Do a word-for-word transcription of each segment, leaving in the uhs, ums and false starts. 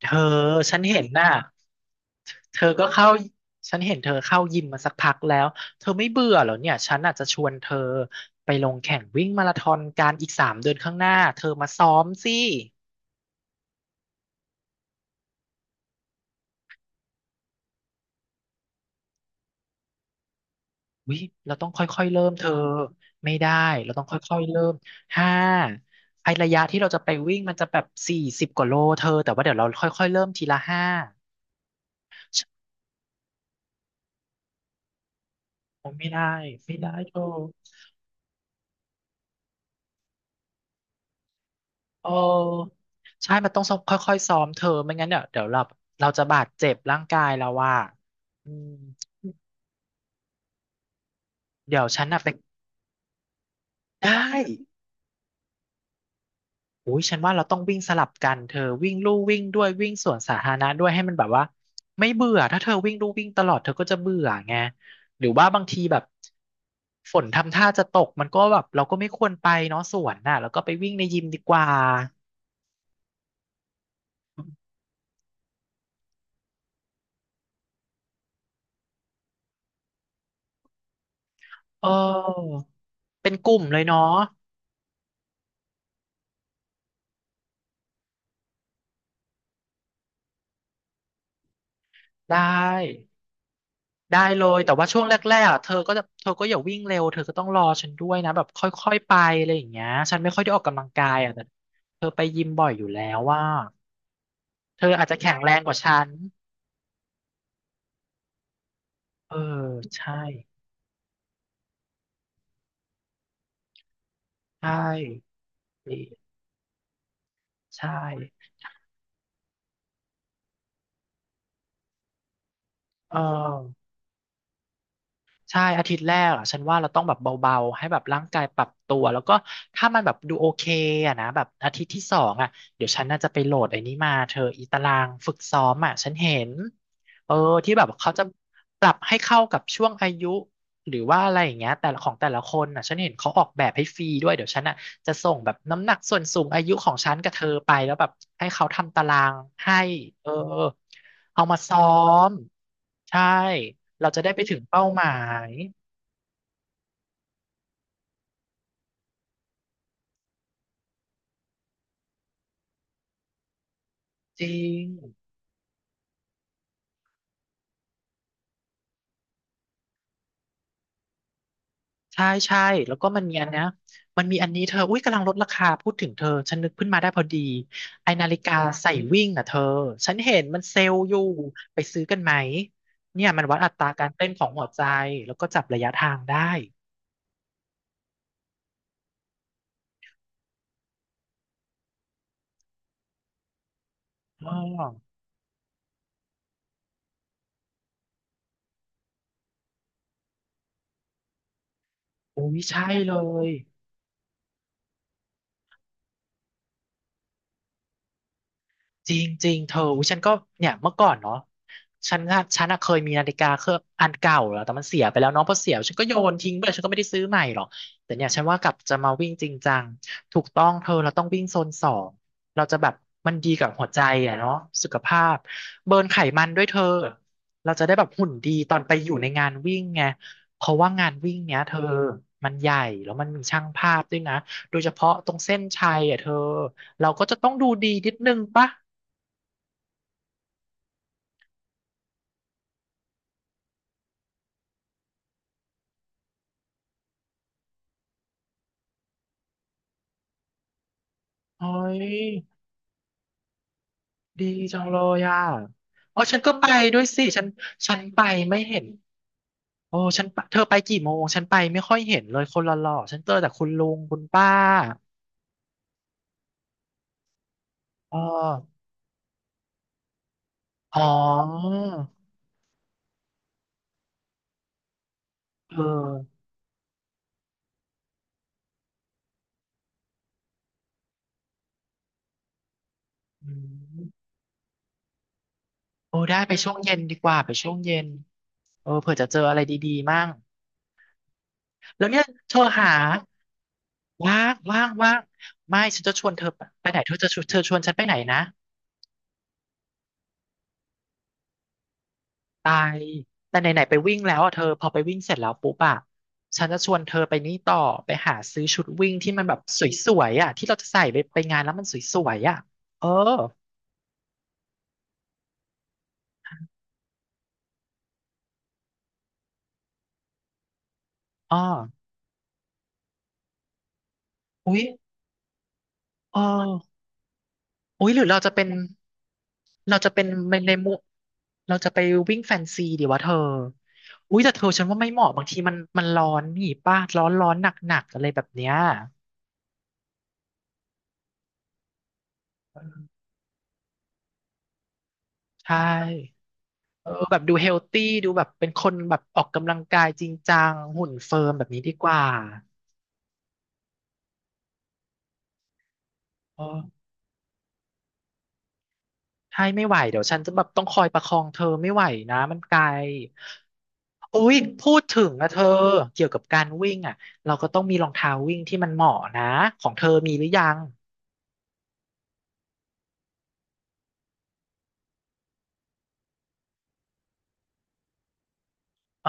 เธอฉันเห็นน่ะเธอก็เข้าฉันเห็นเธอเข้ายิมมาสักพักแล้วเธอไม่เบื่อเหรอเนี่ยฉันอาจจะชวนเธอไปลงแข่งวิ่งมาราธอนการอีกสามเดือนข้างหน้าเธอมาซ้อมสิวิเราต้องค่อยๆเริ่มเธอไม่ได้เราต้องค่อยๆเริ่มห้าไอระยะที่เราจะไปวิ่งมันจะแบบสี่สิบกว่าโลเธอแต่ว่าเดี๋ยวเราค่อยๆเริ่มทีละห้าโอ้ไม่ได้ไม่ได้เธอ โอ้ใช่มันต้องซ้อมค่อยๆซ้อมเธอไม่งั้นเดี๋ยวเดี๋ยวเราเราจะบาดเจ็บร่างกายเราว่าอืมเดี๋ยวฉันน่ะไปได้อุ้ยฉันว่าเราต้องวิ่งสลับกันเธอวิ่งลู่วิ่งด้วยวิ่งสวนสาธารณะด้วยให้มันแบบว่าไม่เบื่อถ้าเธอวิ่งลู่วิ่งตลอดเธอก็จะเบื่อไงหรือว่าบางทีแบบฝนทำท่าจะตกมันก็แบบเราก็ไม่ควรไปเนาะสวนน่ะแล้วก็ไปวิ่งในยิมดีกว่าเออเป็นกลุ่มเลยเนาะได้ ได้เลยแต่ว่าช่วงแรกๆอ่ะเธอก็จะเธอก็อย่าวิ่งเร็วเธอก็ต้องรอฉันด้วยนะแบบค่อยๆไปอะไรอย่างเงี้ยฉันไม่ค่อยได้ออกกำลังกายอ่ะแต่เธอไปยิมบ่อยอยู่แล้วว่าเธออาจจะแข็งแรงกว่าฉันเออใช่ใช่ดีใช่เออ ใช่อาทิตย์แรกอ่ะฉันว่าเราต้องแบบเบาๆให้แบบร่างกายปรับตัวแล้วก็ถ้ามันแบบดูโอเคอ่ะนะแบบอาทิตย์ที่สองอ่ะเดี๋ยวฉันน่าจะไปโหลดไอ้นี้มาเธออีตารางฝึกซ้อมอ่ะฉันเห็นเออที่แบบเขาจะปรับให้เข้ากับช่วงอายุหรือว่าอะไรอย่างเงี้ยแต่ละของแต่ละคนอ่ะฉันเห็นเขาออกแบบให้ฟรีด้วยเดี๋ยวฉันอ่ะจะส่งแบบน้ำหนักส่วนสูงอายุของฉันกับเธอไปแล้วแบบให้เขาทำตารางให้เออ เอามาซ้อมใช่เราจะได้ไปถึงเป้าหมายจริงใช่ใช่แล้วก็มันมีอันเนี้ยมันมีอันนี้เธออุ้ยกำลังลดราคาพูดถึงเธอฉันนึกขึ้นมาได้พอดีไอนาฬิกาใส่วิ่งอ่ะเธอฉันเห็นมันเซลล์อยู่ไปซื้อกันไหมเนี่ยมันวัดอัตราการเต้นของหัวใจแล้วก็จับระยะทางได้อ๋ออุ้ยใช่เลย จริงจริงเธออุ๊ยฉันก็เนี่ยเมื่อก่อนเนาะฉันอะฉันอะเคยมีนาฬิกาเครื่องอันเก่าแล้วแต่มันเสียไปแล้วเน้องพอเสียฉันก็โยนทิ้งไปฉันก็ไม่ได้ซื้อใหม่หรอกแต่เนี่ยฉันว่ากลับจะมาวิ่งจริงจังถูกต้องเธอเราต้องวิ่งโซนสองเราจะแบบมันดีกับหัวใจอะเนาะสุขภาพเบิร์นไขมันด้วยเธอเราจะได้แบบหุ่นดีตอนไปอยู่ในงานวิ่งไงเพราะว่างานวิ่งเนี้ยเธอมันใหญ่แล้วมันมีช่างภาพด้วยนะโดยเฉพาะตรงเส้นชัยอ่ะเธอเราก็จะต้องดูดีนิดนึงปะ เฮ้ยดีจังเลยอ่ะอ๋อฉันก็ไปด้วยสิฉันฉันไปไม่เห็นโอ้ฉันไปเธอไปกี่โมงฉันไปไม่ค่อยเห็นเลยคนหล่อๆฉันเจอแต่คุณลุงคุณป้าเอออ๋อเอออืมโอ้ได้ไปช่วงเย็นดีกว่าไปช่วงเย็นเออเผื่อจะเจออะไรดีๆมั่งแล้วเนี่ยเธอหาว่างว่างว่างไม่ฉันจะชวนเธอไปไปไหนเธอจะชวนเธอชวนฉันไปไหนนะ ตายแต่ไหนๆไปวิ่งแล้วอ่ะเธอพอไปวิ่งเสร็จแล้วปุ๊บอ่ะฉันจะชวนเธอไปนี่ต่อไปหาซื้อชุดวิ่งที่มันแบบสวยๆอ่ะที่เราจะใส่ไปไปงานแล้วมันสวยๆอ่ะเอออ๋ออุ๊ยเอออุ๊ยหรือเราจะเป็นเราจะเป็นในมุเราจะไปวิ่งแฟนซีดีวะเธออุ๊ยแต่เธอฉันว่าไม่เหมาะบางทีมันมันร้อนนี่ป้าร้อนร้อนหนักหนักๆอะไรแบบเนี้ยใช่ เออแบบดูเฮลตี้ดูแบบเป็นคนแบบออกกำลังกายจริงจังหุ่นเฟิร์มแบบนี้ดีกว่าเออใช่ไม่ไหวเดี๋ยวฉันจะแบบต้องคอยประคองเธอไม่ไหวนะมันไกลอุ๊ยพูดถึงนะเธอเกี่ยวกับการวิ่งอ่ะเราก็ต้องมีรองเท้าวิ่งที่มันเหมาะนะของเธอมีหรือยังเออ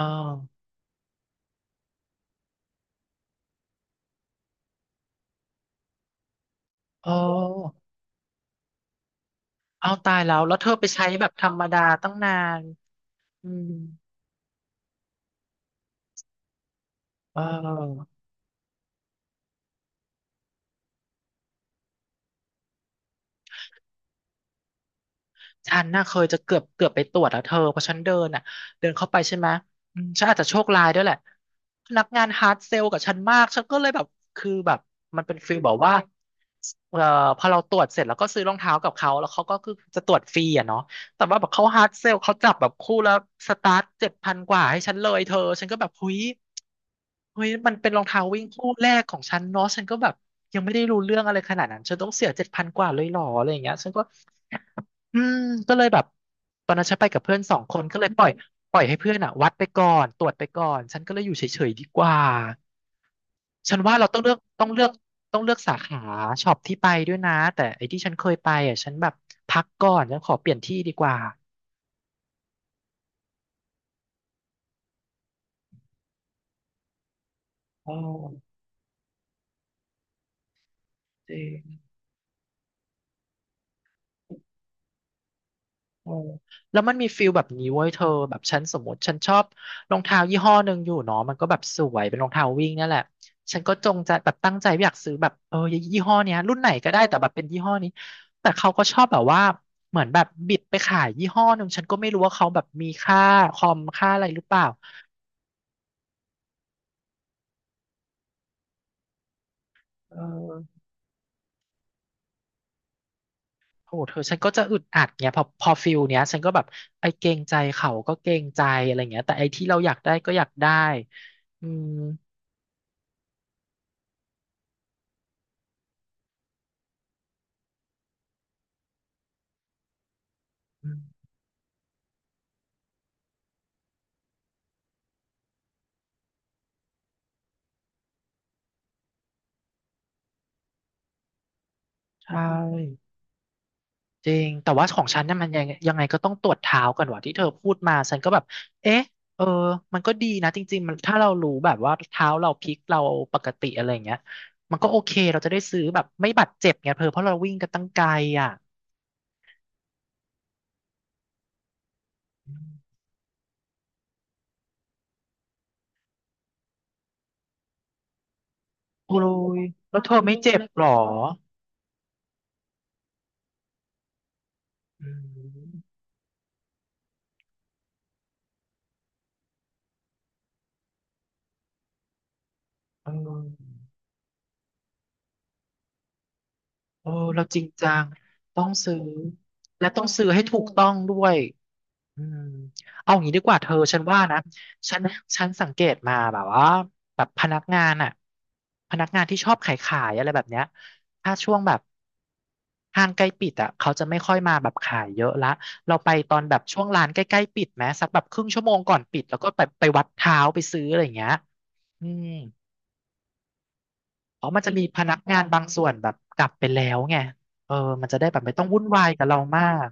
เออเอาตายแล้วแล้วเธอไปใช้แบบธรรมดาตั้งนานอืมเออ ฉันน่ะเคยจะเกือบเกือบไปตรวจแล้วเธอเพราะฉันเดินอ่ะเดินเข้าไปใช่ไหมอืมฉันอาจจะโชคร้ายด้วยแหละพนักงานฮาร์ดเซลกับฉันมากฉันก็เลยแบบคือแบบมันเป็นฟีลแบอกว่าเอ่อพอเราตรวจเสร็จแล้วก็ซื้อรองเท้ากับเขาแล้วเขาก็คือจะตรวจฟรีอ่ะเนาะแต่ว่าแบบเขาฮาร์ดเซลเขาจับแบบคู่แล้วสตาร์ทเจ็ดพันกว่าให้ฉันเลยเธอฉันก็แบบเฮ้ยเฮ้ยมันเป็นรองเท้าวิ่งคู่แรกของฉันเนาะฉันก็แบบยังไม่ได้รู้เรื่องอะไรขนาดนั้นฉันต้องเสียเจ็ดพันกว่าเลยเหรออะไรอย่างเงี้ยฉันก็ อืมก็เลยแบบตอนนั้นฉันไปกับเพื่อนสองคนก็เลยปล่อยปล่อยให้เพื่อนอ่ะวัดไปก่อนตรวจไปก่อนฉันก็เลยอยู่เฉยๆดีกว่าฉันว่าเราต้องเลือกต้องเลือกต้องเลือกสาขาช็อปที่ไปด้วยนะแต่ไอ้ที่ฉันเคยไปอ่ะฉันแบบพักก่อนฉันขอเปลี่ยนที่ดีกว่าอ๋อจริง เออแล้วมันมีฟิลแบบนี้เว้ยเธอแบบฉันสมมติฉันชอบรองเท้ายี่ห้อหนึ่งอยู่เนาะมันก็แบบสวยเป็นรองเท้าวิ่งเนี่ยแหละฉันก็จงใจแบบตั้งใจอยากซื้อแบบเออยี่ห้อเนี้ยรุ่นไหนก็ได้แต่แบบเป็นยี่ห้อนี้แต่เขาก็ชอบแบบว่าเหมือนแบบบิดไปขายยี่ห้อหนึ่งฉันก็ไม่รู้ว่าเขาแบบมีค่าคอมค่าอะไรหรือเปล่าเออโหเธอฉันก็จะอึดอัดเงี้ยพอพอฟิลเนี้ยฉันก็แบบไอ้เกรงใจเขาก็เกรงใจอะไรเงี้ยแต่ไอ้ที่เราอยากได้ก็อยากได้อืมอืมใช่ จริงแต่ว่าของฉันเนี่ยมันยังยังไงก็ต้องตรวจเท้าก่อนว่ะที่เธอพูดมาฉันก็แบบเอ๊ะเออมันก็ดีนะจริงๆมันถ้าเรารู้แบบว่าเท้าเราพลิกเราปกติอะไรอย่างเงี้ยมันก็โอเคเราจะได้ซื้อแบบไม่บาดเจ็บไงเธอเพราะเราวิ่งกันตั้งไกลอ่ะโอ้ยแล้วเธอไม่เจ็บหรออืมเออ โอ้เราจริงจังต้องซื้อและต้องซื้อให้ถูกต้องด้วยอืมเอาอย่างนี้ดีกว่าเธอฉันว่านะฉันฉันสังเกตมาแบบว่าแบบพนักงานอะพนักงานที่ชอบขายขายอะไรแบบเนี้ยถ้าช่วงแบบห้างใกล้ปิดอะเขาจะไม่ค่อยมาแบบขายเยอะละเราไปตอนแบบช่วงร้านใกล้ๆปิดไหมสักแบบครึ่งชั่วโมงก่อนปิดแล้วก็ไปไปวัดเท้าไปซื้ออะไรอย่างเงี้ยอืม อ๋อมันจะมีพนักงานบางส่วนแบบกลับไปแล้วไงเออมันจะได้แบบไม่ต้องวุ่นวายกับเรามาก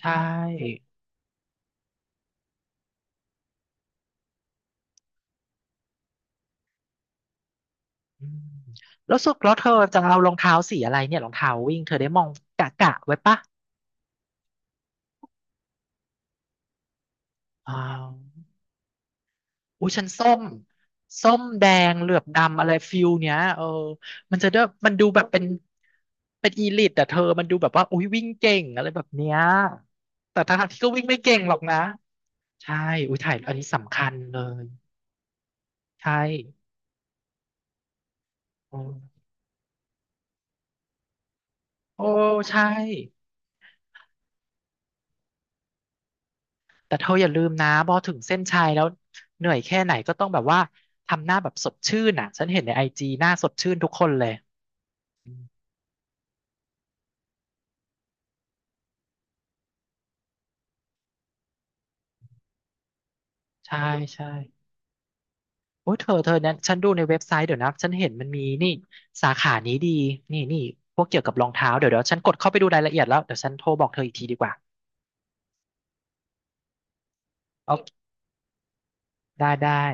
ใช่อืมแล้วสุดแล้วเธอจะเอารองเท้าสีอะไรเนี่ยรองเท้าวิ่งเธอได้มองกะกะไว้ปะอ้าวอุ้ยฉันส้มส้มแดงเหลือบดำอะไรฟิลเนี้ยเออมันจะได้มันดูแบบเป็นเป็นอีลิทแต่เธอมันดูแบบว่าอุ้ยวิ่งเก่งอะไรแบบเนี้ยแต่ทางที่ก็วิ่งไม่เก่งหรอกนะใช่อุ้ยถ่ายอันนี้สำคัญเลยใช่ โอ้ใช่แต่เธออย่าลืมนะพอถึงเส้นชัยแล้วเหนื่อยแค่ไหนก็ต้องแบบว่าทำหน้าแบบสดชื่นอ่ะฉันเห็นในไอ จีหน้าสดชื่นทุกคนเลยอืมใช่ใช่โอ้ยเธอเธอเนี่ยฉันดูในเว็บไซต์เดี๋ยวนะฉันเห็นมันมีนี่สาขานี้ดีนี่นี่พวกเกี่ยวกับรองเท้าเดี๋ยวเดี๋ยวฉันกดเข้าไปดูรายละเอียดแล้วเดี๋ยวฉันโทรบอกเธออีกทีดีกว่าโอเคได้ได้